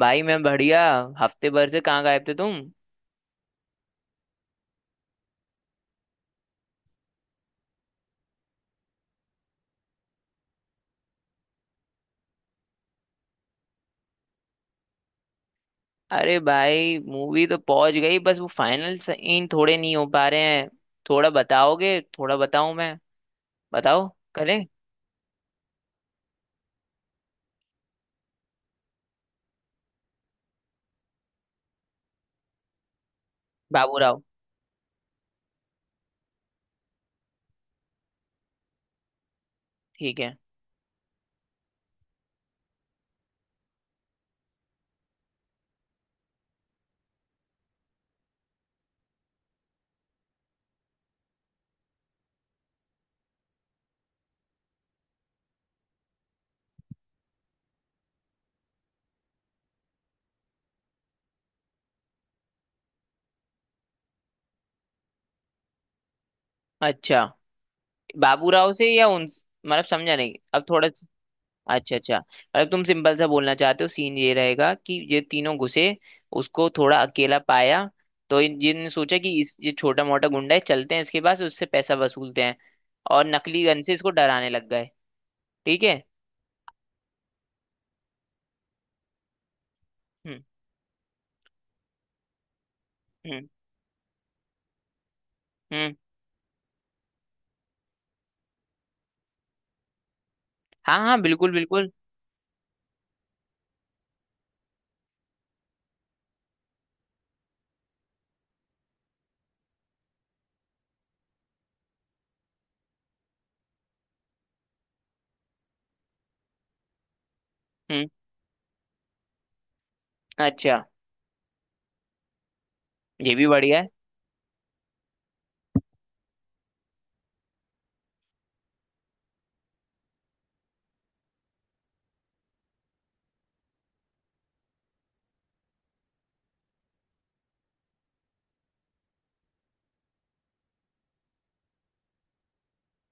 भाई मैं बढ़िया। हफ्ते भर से कहाँ गायब थे तुम? अरे भाई, मूवी तो पहुंच गई, बस वो फाइनल सीन थोड़े नहीं हो पा रहे हैं। थोड़ा बताओगे? थोड़ा बताऊं मैं? बताओ। करें। बाबू राव। ठीक है। अच्छा, बाबू राव से या उन मतलब समझा नहीं अब थोड़ा। अच्छा अच्छा, अगर तुम सिंपल सा बोलना चाहते हो सीन ये रहेगा कि ये तीनों घुसे, उसको थोड़ा अकेला पाया, तो इन जिन सोचा कि इस ये छोटा मोटा गुंडा है, चलते हैं इसके पास, उससे पैसा वसूलते हैं, और नकली गन से इसको डराने लग गए। ठीक है। हम्म। हम्म। हम्म। हाँ हाँ, बिल्कुल बिल्कुल। हम्म। अच्छा। ये भी बढ़िया है।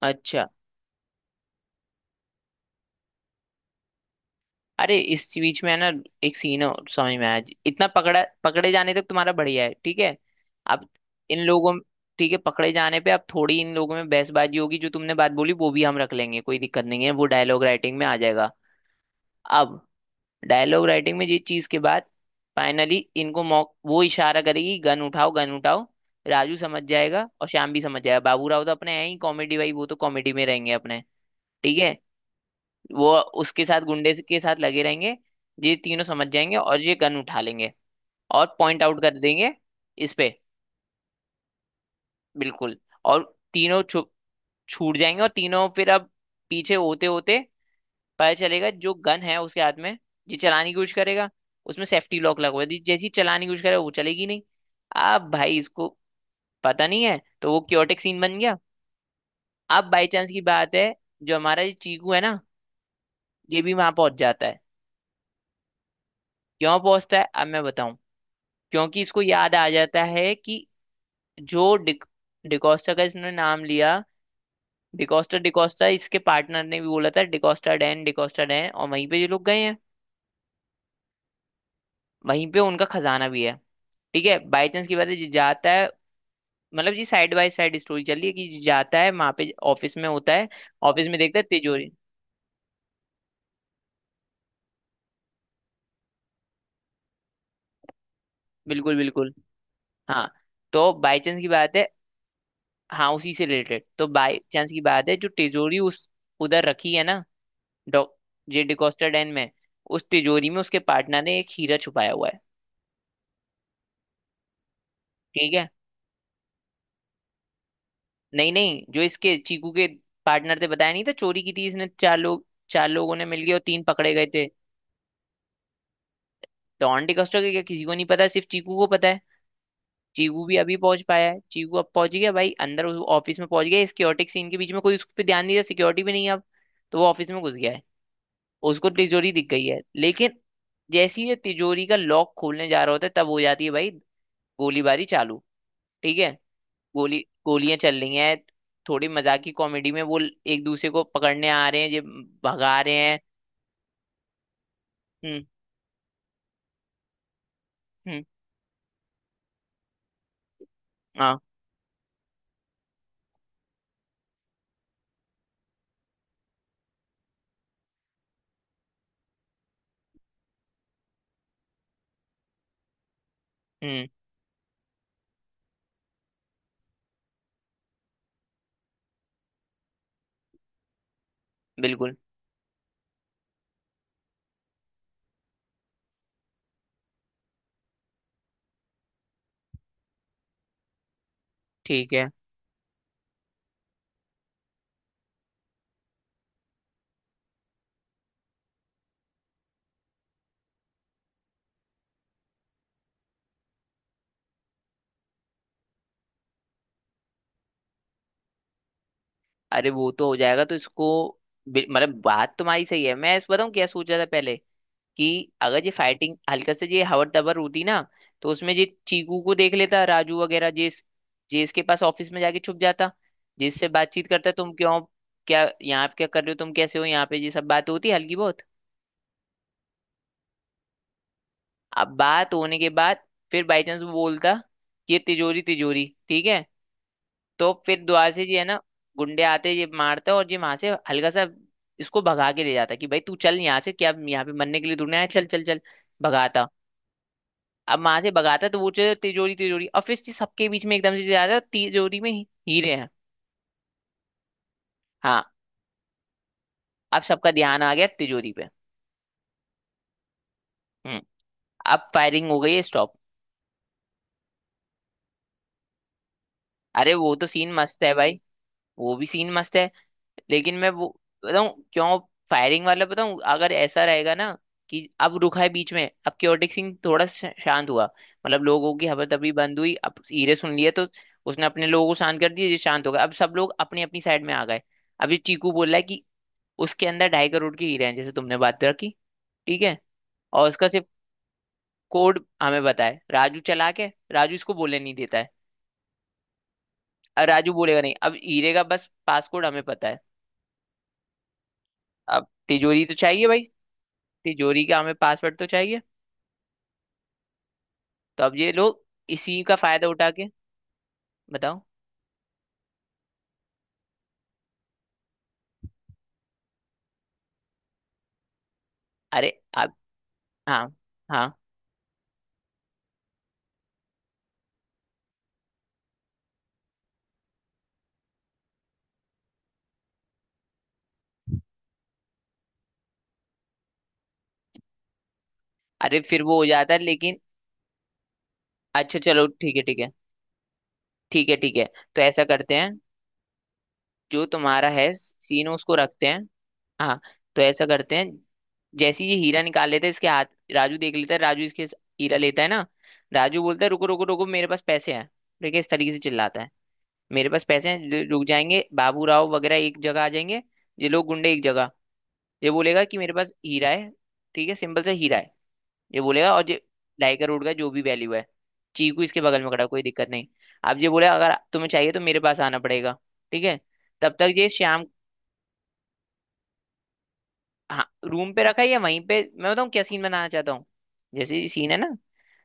अच्छा। अरे, इस बीच में है ना, एक सीन है, समझ में आया? इतना पकड़ा पकड़े जाने तक तुम्हारा बढ़िया है, ठीक है। अब इन लोगों। ठीक है, पकड़े जाने पे अब थोड़ी इन लोगों में बहसबाजी होगी, जो तुमने बात बोली वो भी हम रख लेंगे, कोई दिक्कत नहीं है, वो डायलॉग राइटिंग में आ जाएगा। अब डायलॉग राइटिंग में ये चीज के बाद, फाइनली इनको मौक वो इशारा करेगी, गन उठाओ गन उठाओ। राजू समझ जाएगा और श्याम भी समझ जाएगा, बाबू राव तो अपने हैं ही कॉमेडी भाई, वो तो कॉमेडी में रहेंगे अपने। ठीक है। वो उसके साथ के साथ लगे रहेंगे। ये तीनों समझ जाएंगे और ये गन उठा लेंगे, और पॉइंट आउट कर देंगे इस पे। बिल्कुल। और तीनों छूट जाएंगे, और तीनों फिर अब पीछे होते होते पता चलेगा जो गन है उसके हाथ में ये चलाने की कोशिश करेगा, उसमें सेफ्टी लॉक लगा हुआ है, जैसी चलाने की कोशिश करेगा वो चलेगी नहीं। अब भाई इसको पता नहीं है, तो वो क्योटिक सीन बन गया। अब बाई चांस की बात है, जो हमारा ये चीकू है ना, ये भी वहां पहुंच जाता है। क्यों पहुंचता है, अब मैं बताऊं। क्योंकि इसको याद आ जाता है कि जो डिकोस्टा का इसने नाम लिया, डिकोस्टा डिकोस्टा इसके पार्टनर ने भी बोला था, डिकोस्टा डैन, डिकोस्टा डैन, और वहीं पे ये लोग गए हैं, वहीं पे उनका खजाना भी है। ठीक है, बाई चांस की बात है, जी जाता है। मतलब जी साइड बाय साइड स्टोरी चल रही है कि जी जाता है वहां पे, ऑफिस में होता है, ऑफिस में देखता है तिजोरी। बिल्कुल बिल्कुल। हाँ, तो बाई चांस की बात है। हाँ उसी से रिलेटेड, तो बाई चांस की बात है जो तिजोरी उस उधर रखी है ना, डॉ जे डिकॉस्टा डैन में, उस तिजोरी में उसके पार्टनर ने एक हीरा छुपाया हुआ है। ठीक है। नहीं नहीं, जो इसके चीकू के पार्टनर थे, बताया नहीं था, चोरी की थी इसने, चार लोग, चार लोगों ने मिलके, और तीन पकड़े गए थे। तो ऑन डिकॉस्टा के क्या किसी को नहीं पता, सिर्फ चीकू को पता है। चीकू भी अभी पहुंच पाया है, चीकू अब पहुंच गया भाई अंदर उस ऑफिस में पहुंच गया, सिक्योरिटी सीन के बीच में कोई उस पर ध्यान नहीं दिया, सिक्योरिटी भी नहीं है अब। तो वो ऑफिस में घुस गया है, उसको तिजोरी दिख गई है, लेकिन जैसे ही ये तिजोरी का लॉक खोलने जा रहा होता है, तब हो जाती है भाई, गोलीबारी चालू। ठीक है। गोली, गोलियां चल रही हैं, थोड़ी मजाक की कॉमेडी में वो एक दूसरे को पकड़ने आ रहे हैं, ये भगा रहे हैं। हम्म। हम्म। हाँ। हम्म। बिल्कुल। ठीक है। अरे वो तो हो जाएगा, तो इसको मतलब बात तुम्हारी सही है, मैं इस बताऊं क्या सोच रहा था पहले। कि अगर ये फाइटिंग हल्का से ये हवर तबर होती ना, तो उसमें ये चीकू को देख लेता राजू वगैरह, जिस जिसके पास ऑफिस में जाके छुप जाता, जिससे बातचीत करता, तुम क्यों, क्या यहाँ पे क्या कर रहे हो, तुम कैसे हो यहाँ पे, ये सब बात होती हल्की बहुत। अब बात होने के बाद, फिर बाई चांस वो बोलता ये तिजोरी तिजोरी, ठीक है, तो फिर द्वार से ये है ना, गुंडे आते, ये मारता और ये वहां से हल्का सा इसको भगा के ले जाता कि भाई तू चल यहाँ से, क्या यहाँ पे मरने के लिए तूने आया, चल चल चल, भगाता। अब वहां से भगाता तो वो चल, तिजोरी तिजोरी, और फिर से सबके बीच में एकदम से जा रहा है, तिजोरी में हीरे हैं। हाँ। अब सबका ध्यान आ गया तिजोरी पे। हम्म। अब फायरिंग हो गई है स्टॉप। अरे वो तो सीन मस्त है भाई, वो भी सीन मस्त है, लेकिन मैं वो बताऊं क्यों, फायरिंग वाला बताऊं, अगर ऐसा रहेगा ना कि अब रुका है बीच में, अब क्योटिक सिंह थोड़ा शांत हुआ, मतलब लोगों की हबीतबी बंद हुई, अब हीरे सुन लिए तो उसने अपने लोगों को शांत कर दिया, ये शांत हो गए, अब सब लोग अपनी अपनी साइड में आ गए। अब ये चीकू बोल रहा है कि उसके अंदर 2.5 करोड़ के हीरे हैं, जैसे तुमने बात रखी। ठीक है। और उसका सिर्फ कोड हमें बताए राजू चला के, राजू इसको बोलने नहीं देता है, और राजू बोलेगा नहीं, अब हीरे का बस पासकोड हमें पता है। अब तिजोरी तो चाहिए भाई, तिजोरी का हमें पासवर्ड तो चाहिए। तो अब ये लोग इसी का फायदा उठा के। बताओ। अरे आप। हाँ। हाँ। अरे फिर वो हो जाता है लेकिन। अच्छा चलो, ठीक है ठीक है ठीक है। ठीक है, तो ऐसा करते हैं, जो तुम्हारा है सीन उसको रखते हैं। हाँ, तो ऐसा करते हैं, जैसे ही ये हीरा निकाल लेते हैं इसके हाथ, राजू देख लेता है, राजू इसके हीरा लेता है ना, राजू बोलता है रुको रुको रुको, मेरे पास पैसे हैं, ठीक है, इस तरीके से चिल्लाता है। मेरे पास पैसे हैं, रुक जाएंगे, बाबू राव वगैरह एक जगह आ जाएंगे, ये लोग गुंडे एक जगह। ये बोलेगा कि मेरे पास हीरा है, ठीक है, सिंपल सा हीरा है ये बोलेगा, और ये 2.5 करोड़ का जो भी वैल्यू है। चीकू इसके बगल में खड़ा है, कोई दिक्कत नहीं। अब ये बोले अगर तुम्हें चाहिए तो मेरे पास आना पड़ेगा, ठीक है। तब तक ये श्याम, हाँ रूम पे रखा है या वहीं पे, मैं बताऊँ क्या सीन बनाना चाहता हूँ। जैसे ये सीन है ना,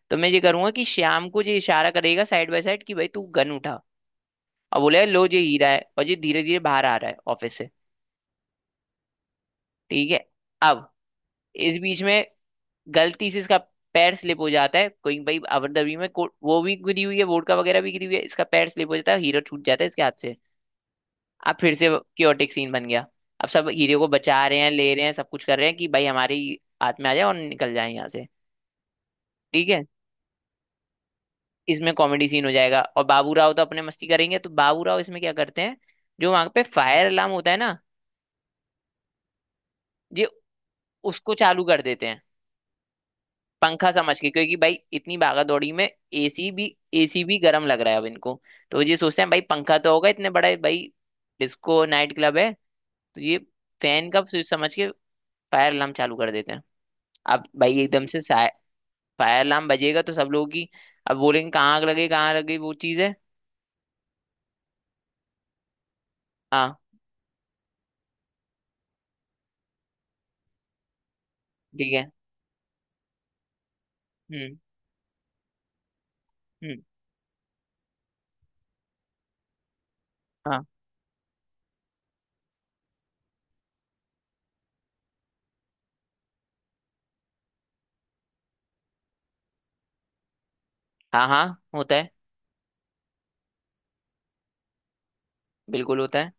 तो मैं ये करूंगा कि श्याम को ये इशारा करेगा साइड बाय साइड कि भाई तू गन उठा, और बोले लो ये हीरा है, और ये धीरे धीरे बाहर आ रहा है ऑफिस से। ठीक है। अब इस बीच में गलती से इसका पैर स्लिप हो जाता है, गोइंग भाई अबरदबी में वो भी गिरी हुई है, वोडका वगैरह भी गिरी हुई है, इसका पैर स्लिप हो जाता है, हीरो छूट जाता है इसके हाथ से। अब फिर से क्योटिक सीन बन गया। अब सब हीरो को बचा रहे हैं, ले रहे हैं, सब कुछ कर रहे हैं कि भाई हमारे ही हाथ में आ जाए और निकल जाए यहाँ से। ठीक है। इसमें कॉमेडी सीन हो जाएगा, और बाबू राव तो अपने मस्ती करेंगे, तो बाबू राव इसमें क्या करते हैं, जो वहां पे फायर अलार्म होता है ना, ये उसको चालू कर देते हैं पंखा समझ के, क्योंकि भाई इतनी भागा दौड़ी में एसी भी, एसी भी गर्म लग रहा है अब इनको, तो ये सोचते हैं भाई पंखा तो होगा इतने बड़ा भाई, डिस्को नाइट क्लब है, तो ये फैन का स्विच समझ के फायर अलार्म चालू कर देते हैं। अब भाई एकदम से फायर अलार्म बजेगा तो सब लोगों की, अब बोलेंगे कहाँ आग लगे कहाँ आग लगे, वो चीज़ है। हाँ। ठीक है। हम्म। हम्म। हाँ। हाँ। हाँ होता है। बिल्कुल होता है।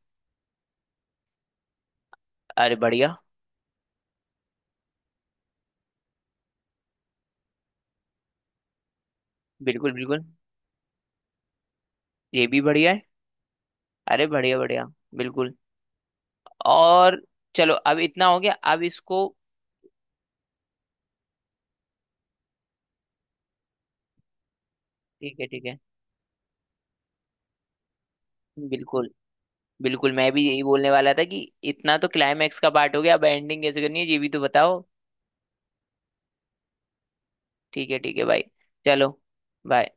अरे बढ़िया। बिल्कुल बिल्कुल। ये भी बढ़िया है। अरे बढ़िया बढ़िया। बिल्कुल। और चलो, अब इतना हो गया, अब इसको, ठीक है ठीक है। बिल्कुल बिल्कुल, मैं भी यही बोलने वाला था कि इतना तो क्लाइमैक्स का पार्ट हो गया, अब एंडिंग कैसे करनी है ये भी तो बताओ। ठीक है भाई, चलो, बाय।